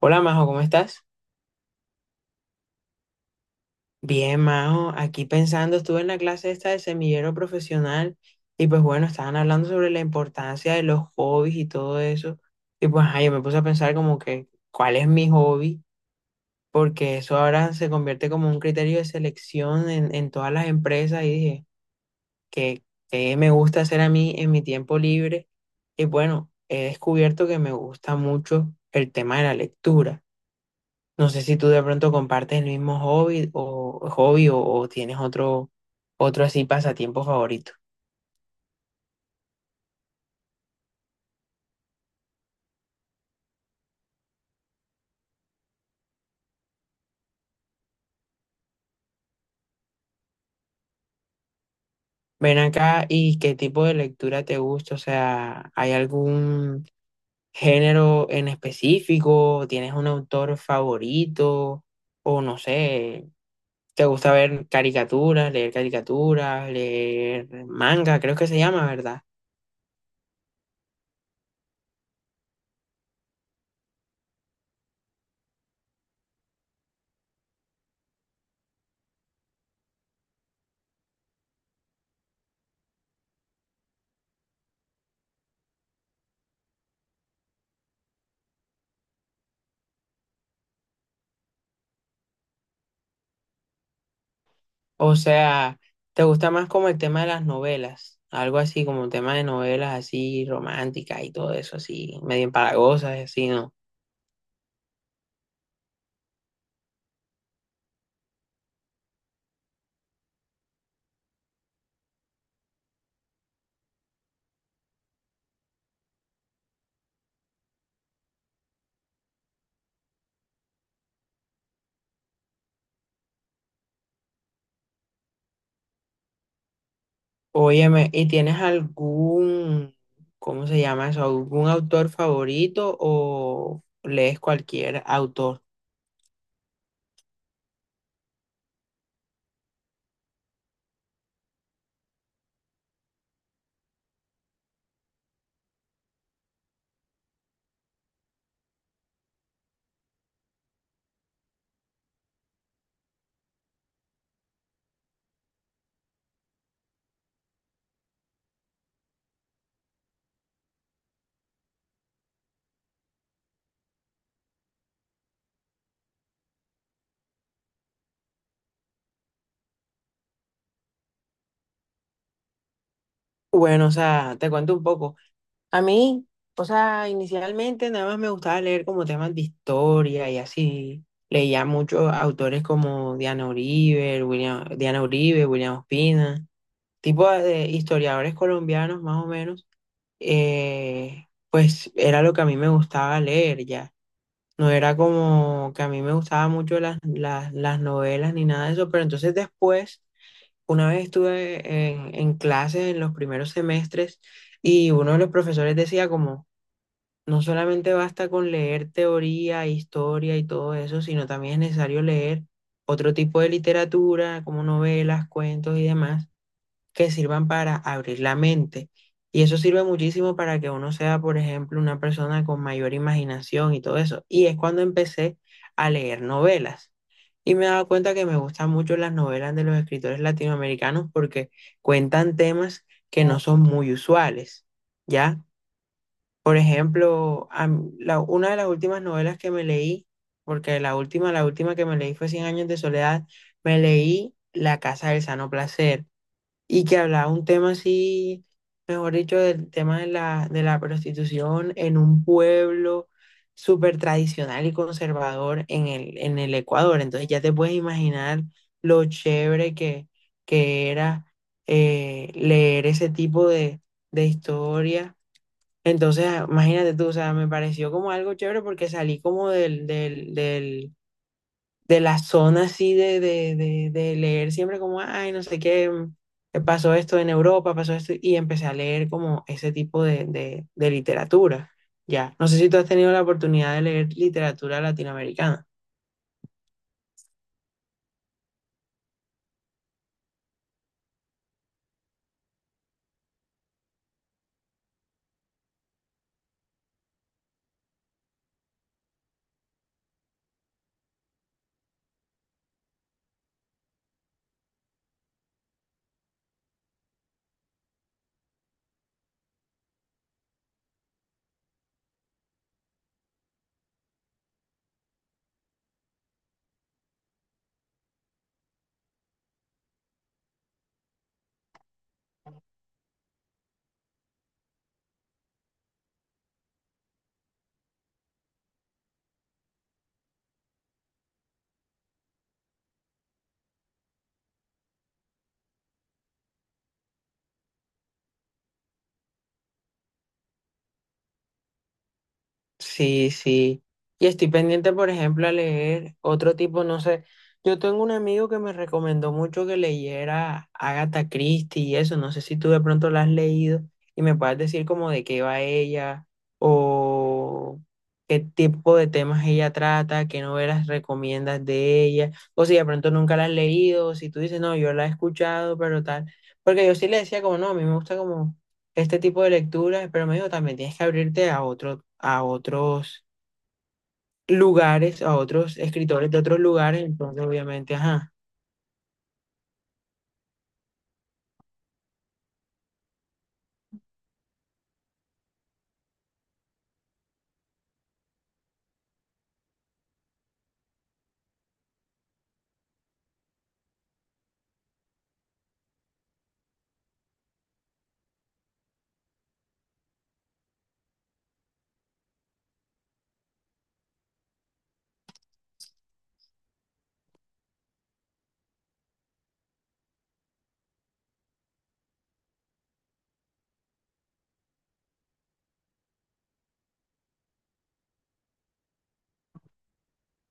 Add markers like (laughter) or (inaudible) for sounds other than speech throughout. Hola Majo, ¿cómo estás? Bien, Majo, aquí pensando, estuve en la clase esta de semillero profesional y pues bueno, estaban hablando sobre la importancia de los hobbies y todo eso. Y pues ajá, yo me puse a pensar como que, ¿cuál es mi hobby? Porque eso ahora se convierte como un criterio de selección en todas las empresas y dije, ¿qué, qué me gusta hacer a mí en mi tiempo libre? Y bueno, he descubierto que me gusta mucho el tema de la lectura. No sé si tú de pronto compartes el mismo hobby o hobby o tienes otro así pasatiempo favorito. Ven acá y qué tipo de lectura te gusta, o sea, ¿hay algún género en específico? ¿Tienes un autor favorito? O no sé, ¿te gusta ver caricaturas, leer manga? Creo que se llama, ¿verdad? O sea, ¿te gusta más como el tema de las novelas? Algo así como un tema de novelas así románticas y todo eso, así medio empalagosas y así, ¿no? Óyeme, ¿y tienes algún, cómo se llama eso, algún autor favorito o lees cualquier autor? Bueno, o sea, te cuento un poco. A mí, o sea, inicialmente nada más me gustaba leer como temas de historia y así. Leía muchos autores como Diana Uribe, William Ospina, tipo de historiadores colombianos más o menos, pues era lo que a mí me gustaba leer ya. No era como que a mí me gustaba mucho las novelas ni nada de eso, pero entonces después, una vez estuve en, clases en los primeros semestres y uno de los profesores decía como, no solamente basta con leer teoría, historia y todo eso, sino también es necesario leer otro tipo de literatura, como novelas, cuentos y demás que sirvan para abrir la mente. Y eso sirve muchísimo para que uno sea, por ejemplo, una persona con mayor imaginación y todo eso. Y es cuando empecé a leer novelas. Y me he dado cuenta que me gustan mucho las novelas de los escritores latinoamericanos porque cuentan temas que no son muy usuales, ¿ya? Por ejemplo, una de las últimas novelas que me leí, porque la última, que me leí fue Cien años de soledad, me leí La casa del sano placer y que hablaba un tema así, mejor dicho, del tema de la, prostitución en un pueblo súper tradicional y conservador en el Ecuador. Entonces ya te puedes imaginar lo chévere que era leer ese tipo de, historia. Entonces, ah, imagínate tú, o sea, me pareció como algo chévere porque salí como del, de la zona así de leer siempre como, ay, no sé qué, pasó esto en Europa, pasó esto, y empecé a leer como ese tipo de literatura. Ya, no sé si tú has tenido la oportunidad de leer literatura latinoamericana. Sí, sí. Y estoy pendiente, por ejemplo, a leer otro tipo, no sé. Yo tengo un amigo que me recomendó mucho que leyera Agatha Christie y eso. No sé si tú de pronto la has leído y me puedes decir como de qué va ella o qué tipo de temas ella trata, qué novelas recomiendas de ella. O si de pronto nunca la has leído, o si tú dices, no, yo la he escuchado, pero tal. Porque yo sí le decía como, no, a mí me gusta como este tipo de lecturas, pero me dijo también tienes que abrirte a otro, a otros lugares, a otros escritores de otros lugares, entonces obviamente, ajá.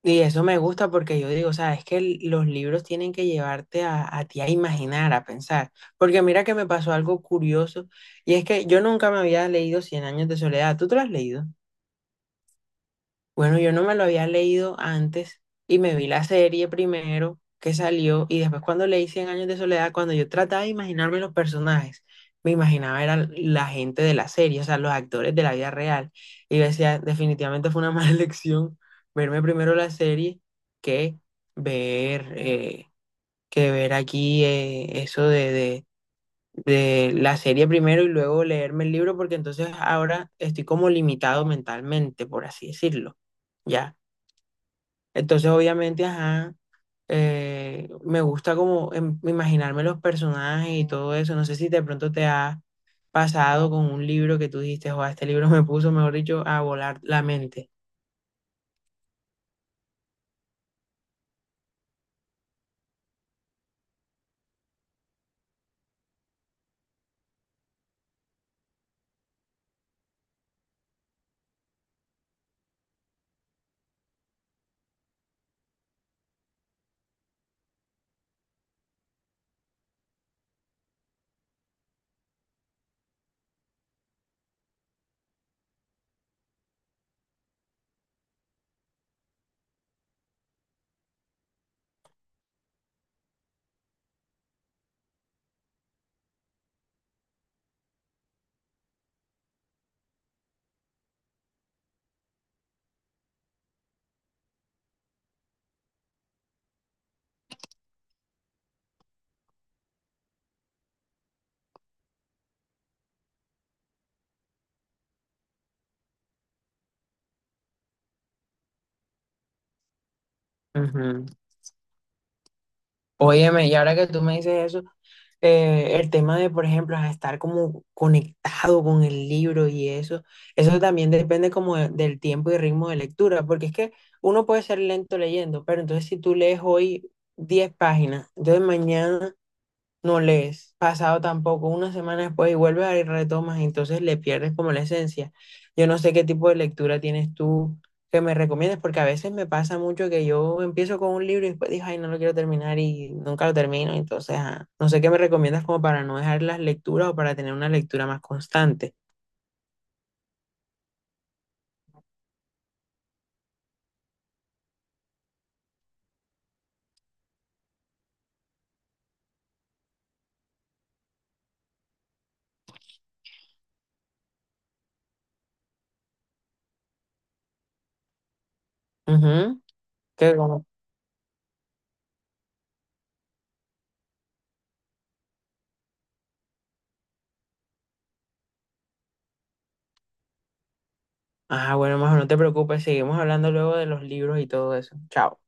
Y eso me gusta porque yo digo, o sea, es que los libros tienen que llevarte a ti a imaginar, a pensar. Porque mira que me pasó algo curioso, y es que yo nunca me había leído Cien años de soledad. ¿Tú te lo has leído? Bueno, yo no me lo había leído antes y me vi la serie primero que salió y después cuando leí Cien años de soledad, cuando yo trataba de imaginarme los personajes, me imaginaba era la gente de la serie, o sea, los actores de la vida real. Y yo decía, definitivamente fue una mala (laughs) elección verme primero la serie que ver, eh, que ver aquí eso de la serie primero y luego leerme el libro, porque entonces ahora estoy como limitado mentalmente, por así decirlo. ¿Ya? Entonces, obviamente, ajá, me gusta como imaginarme los personajes y todo eso. No sé si de pronto te ha pasado con un libro que tú dijiste, o este libro (laughs) me puso, mejor dicho, a volar la mente. Ujú. Óyeme, y ahora que tú me dices eso, el tema de, por ejemplo, a estar como conectado con el libro y eso también depende como del tiempo y ritmo de lectura, porque es que uno puede ser lento leyendo, pero entonces si tú lees hoy 10 páginas, entonces mañana no lees, pasado tampoco, una semana después y vuelves a y retomas, y entonces le pierdes como la esencia. Yo no sé qué tipo de lectura tienes tú que me recomiendes, porque a veces me pasa mucho que yo empiezo con un libro y después digo, ay, no lo quiero terminar y nunca lo termino, entonces ah, no sé qué me recomiendas como para no dejar las lecturas o para tener una lectura más constante. Ujú. que como- Ah, bueno, mejor no te preocupes, seguimos hablando luego de los libros y todo eso. Chao.